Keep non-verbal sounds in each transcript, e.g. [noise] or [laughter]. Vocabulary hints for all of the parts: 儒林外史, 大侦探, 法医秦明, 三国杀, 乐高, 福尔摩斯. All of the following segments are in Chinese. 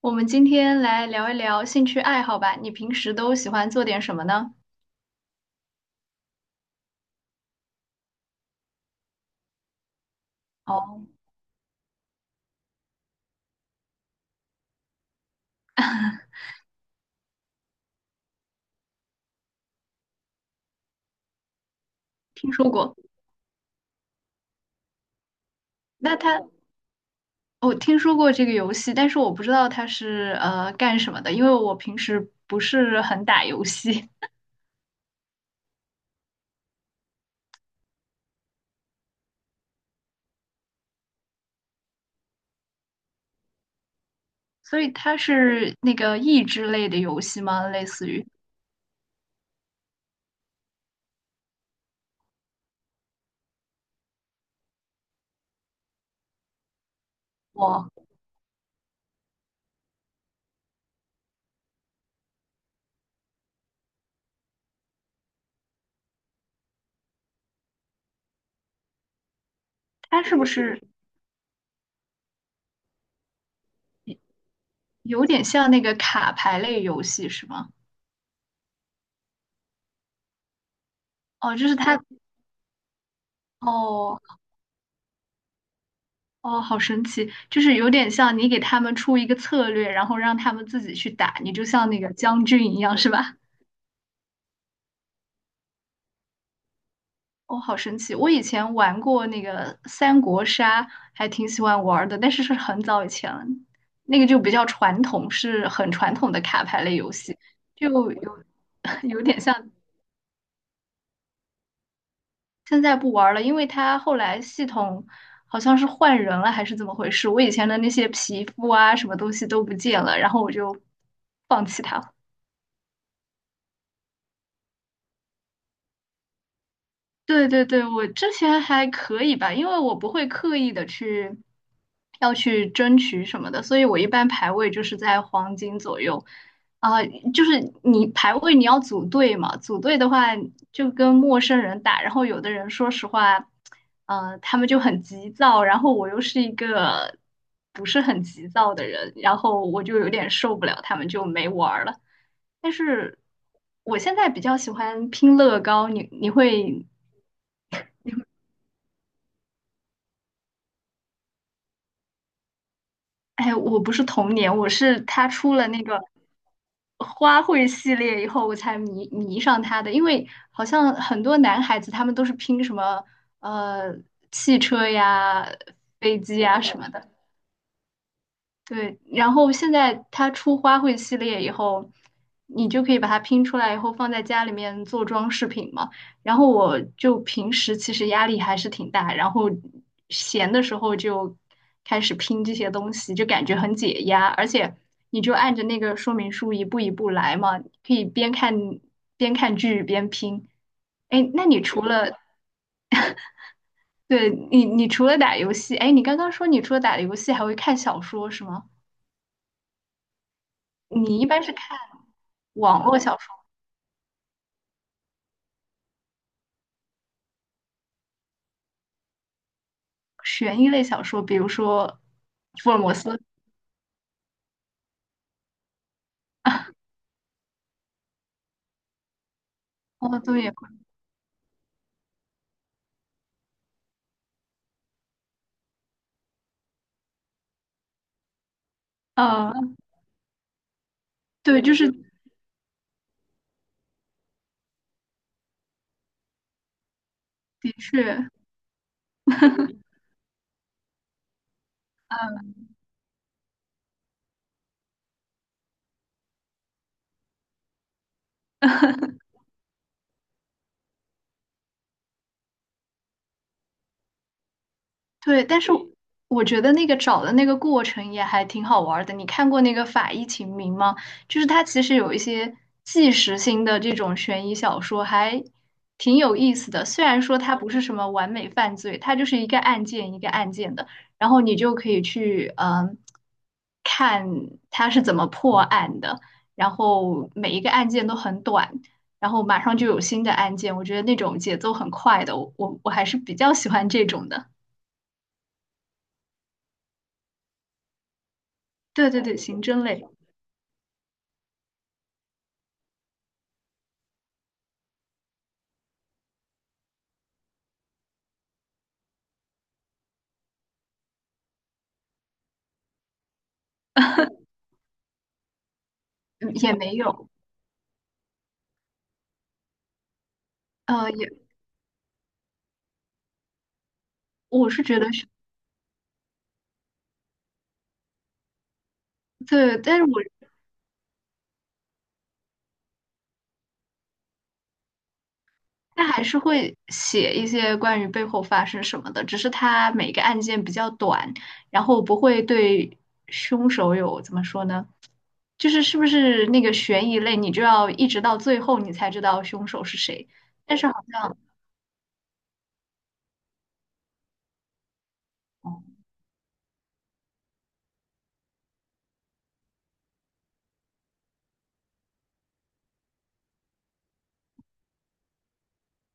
我们今天来聊一聊兴趣爱好吧。你平时都喜欢做点什么呢？哦，听说过。那它，我听说过这个游戏，但是我不知道它是干什么的，因为我平时不是很打游戏，[laughs] 所以它是那个益智类的游戏吗？类似于，哇，它是不是有点像那个卡牌类游戏是吗？哦，就是它，哦，哦，好神奇，就是有点像你给他们出一个策略，然后让他们自己去打，你就像那个将军一样，是吧？[laughs] 哦，好神奇！我以前玩过那个三国杀，还挺喜欢玩儿的，但是是很早以前了，那个就比较传统，是很传统的卡牌类游戏，就有 [laughs] 有点像现在不玩儿了，因为它后来系统好像是换人了，还是怎么回事？我以前的那些皮肤啊，什么东西都不见了，然后我就放弃它。对对对，我之前还可以吧，因为我不会刻意的去要去争取什么的，所以我一般排位就是在黄金左右。啊、就是你排位你要组队嘛，组队的话就跟陌生人打，然后有的人说实话，他们就很急躁，然后我又是一个不是很急躁的人，然后我就有点受不了，他们就没玩儿了。但是我现在比较喜欢拼乐高，你会？哎，我不是童年，我是他出了那个花卉系列以后，我才迷上他的。因为好像很多男孩子他们都是拼什么呃汽车呀、飞机呀什么的，对，然后现在它出花卉系列以后，你就可以把它拼出来以后放在家里面做装饰品嘛。然后我就平时其实压力还是挺大，然后闲的时候就开始拼这些东西，就感觉很解压。而且你就按着那个说明书一步一步来嘛，可以边看剧边拼。哎，那你除了，对，你你除了打游戏，哎，你刚刚说你除了打游戏还会看小说是吗？你一般是看网络小说、悬疑类小说，比如说福尔摩斯。哦，对，嗯，对，就是的确，嗯，对，但是我觉得那个找的那个过程也还挺好玩儿的。你看过那个《法医秦明》吗？就是它其实有一些纪实性的这种悬疑小说，还挺有意思的。虽然说它不是什么完美犯罪，它就是一个案件一个案件的，然后你就可以去看它是怎么破案的，然后每一个案件都很短。然后马上就有新的案件，我觉得那种节奏很快的，我还是比较喜欢这种的。对对对，刑侦类，嗯，也没有，呃，也我是觉得是，对，但是我他还是会写一些关于背后发生什么的，只是他每个案件比较短，然后不会对凶手有怎么说呢？就是是不是那个悬疑类，你就要一直到最后你才知道凶手是谁，但是好像，哦，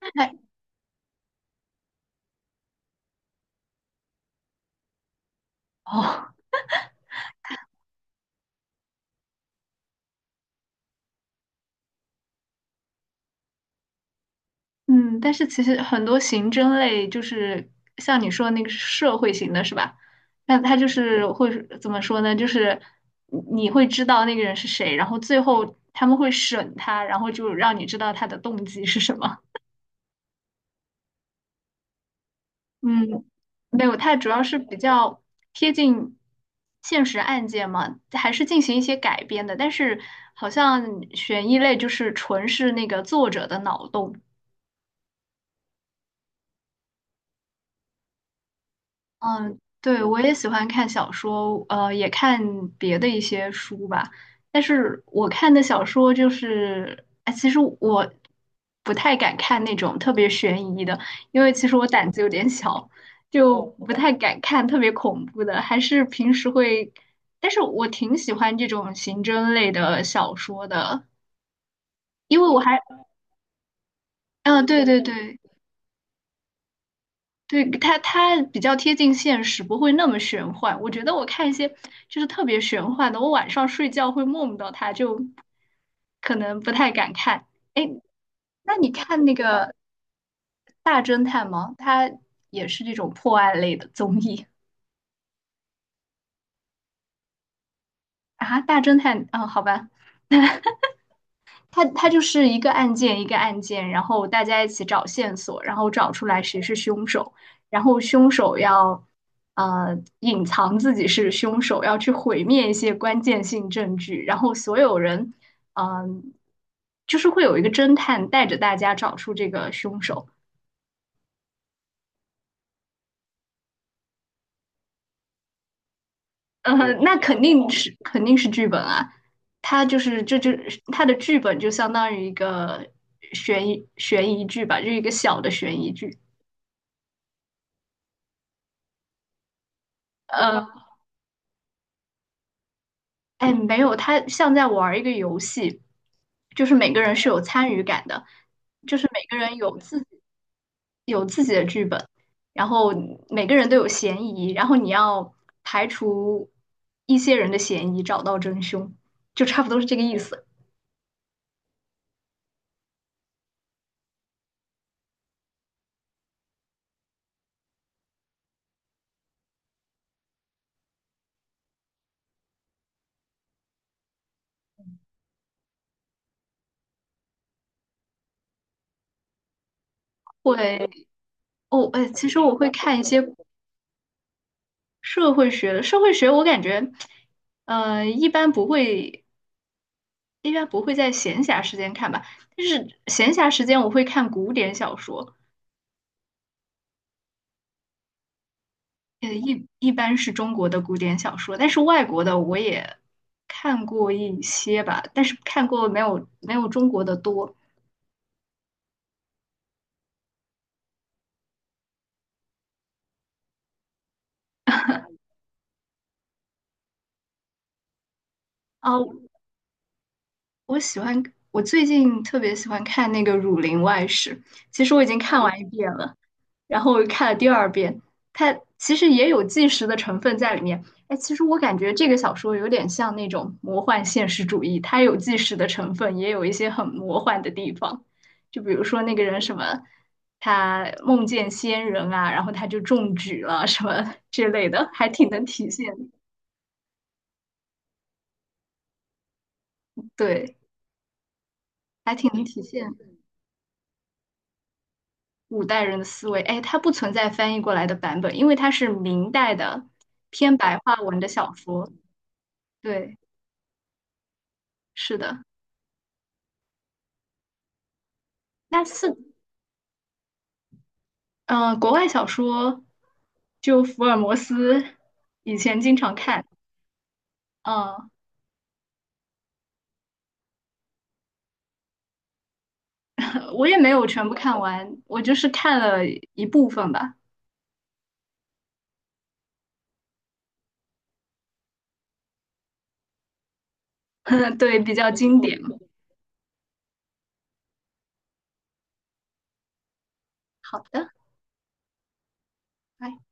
那还哦。嗯，但是其实很多刑侦类就是像你说的那个社会型的是吧？那他就是会怎么说呢？就是你会知道那个人是谁，然后最后他们会审他，然后就让你知道他的动机是什么。嗯，没有，它主要是比较贴近现实案件嘛，还是进行一些改编的。但是好像悬疑类就是纯是那个作者的脑洞。嗯，对，我也喜欢看小说，也看别的一些书吧。但是我看的小说就是，哎，其实我不太敢看那种特别悬疑的，因为其实我胆子有点小，就不太敢看特别恐怖的。还是平时会，但是我挺喜欢这种刑侦类的小说的，因为我还，嗯，对对对，对，它比较贴近现实，不会那么玄幻。我觉得我看一些就是特别玄幻的，我晚上睡觉会梦到它，就可能不太敢看。哎，那你看那个大侦探吗？它也是这种破案类的综艺啊。大侦探，嗯，好吧，它就是一个案件一个案件，然后大家一起找线索，然后找出来谁是凶手，然后凶手要隐藏自己是凶手，要去毁灭一些关键性证据，然后所有人嗯、呃就是会有一个侦探带着大家找出这个凶手。那肯定是肯定是剧本啊，它就是这就是它的剧本就相当于一个悬疑剧吧，就是一个小的悬疑剧。呃，哎，没有，它像在玩儿一个游戏，就是每个人是有参与感的，就是每个人有有自己的剧本，然后每个人都有嫌疑，然后你要排除一些人的嫌疑，找到真凶，就差不多是这个意思。会哦，哎，其实我会看一些社会学的，社会学我感觉，呃，一般不会，一般不会在闲暇时间看吧，但是闲暇时间我会看古典小说。一般是中国的古典小说，但是外国的我也看过一些吧，但是看过没有中国的多。啊，我喜欢，我最近特别喜欢看那个《儒林外史》，其实我已经看完一遍了。然后我又看了第二遍，它其实也有纪实的成分在里面。哎，其实我感觉这个小说有点像那种魔幻现实主义，它有纪实的成分，也有一些很魔幻的地方。就比如说那个人什么，他梦见仙人啊，然后他就中举了什么之类的，还挺能体现，对，还挺能体现古代人的思维。哎，它不存在翻译过来的版本，因为它是明代的偏白话文的小说。对，是的。那四嗯，国外小说就福尔摩斯，以前经常看，嗯，[laughs] 我也没有全部看完，我就是看了一部分吧，[laughs] 对，比较经典。好的，拜。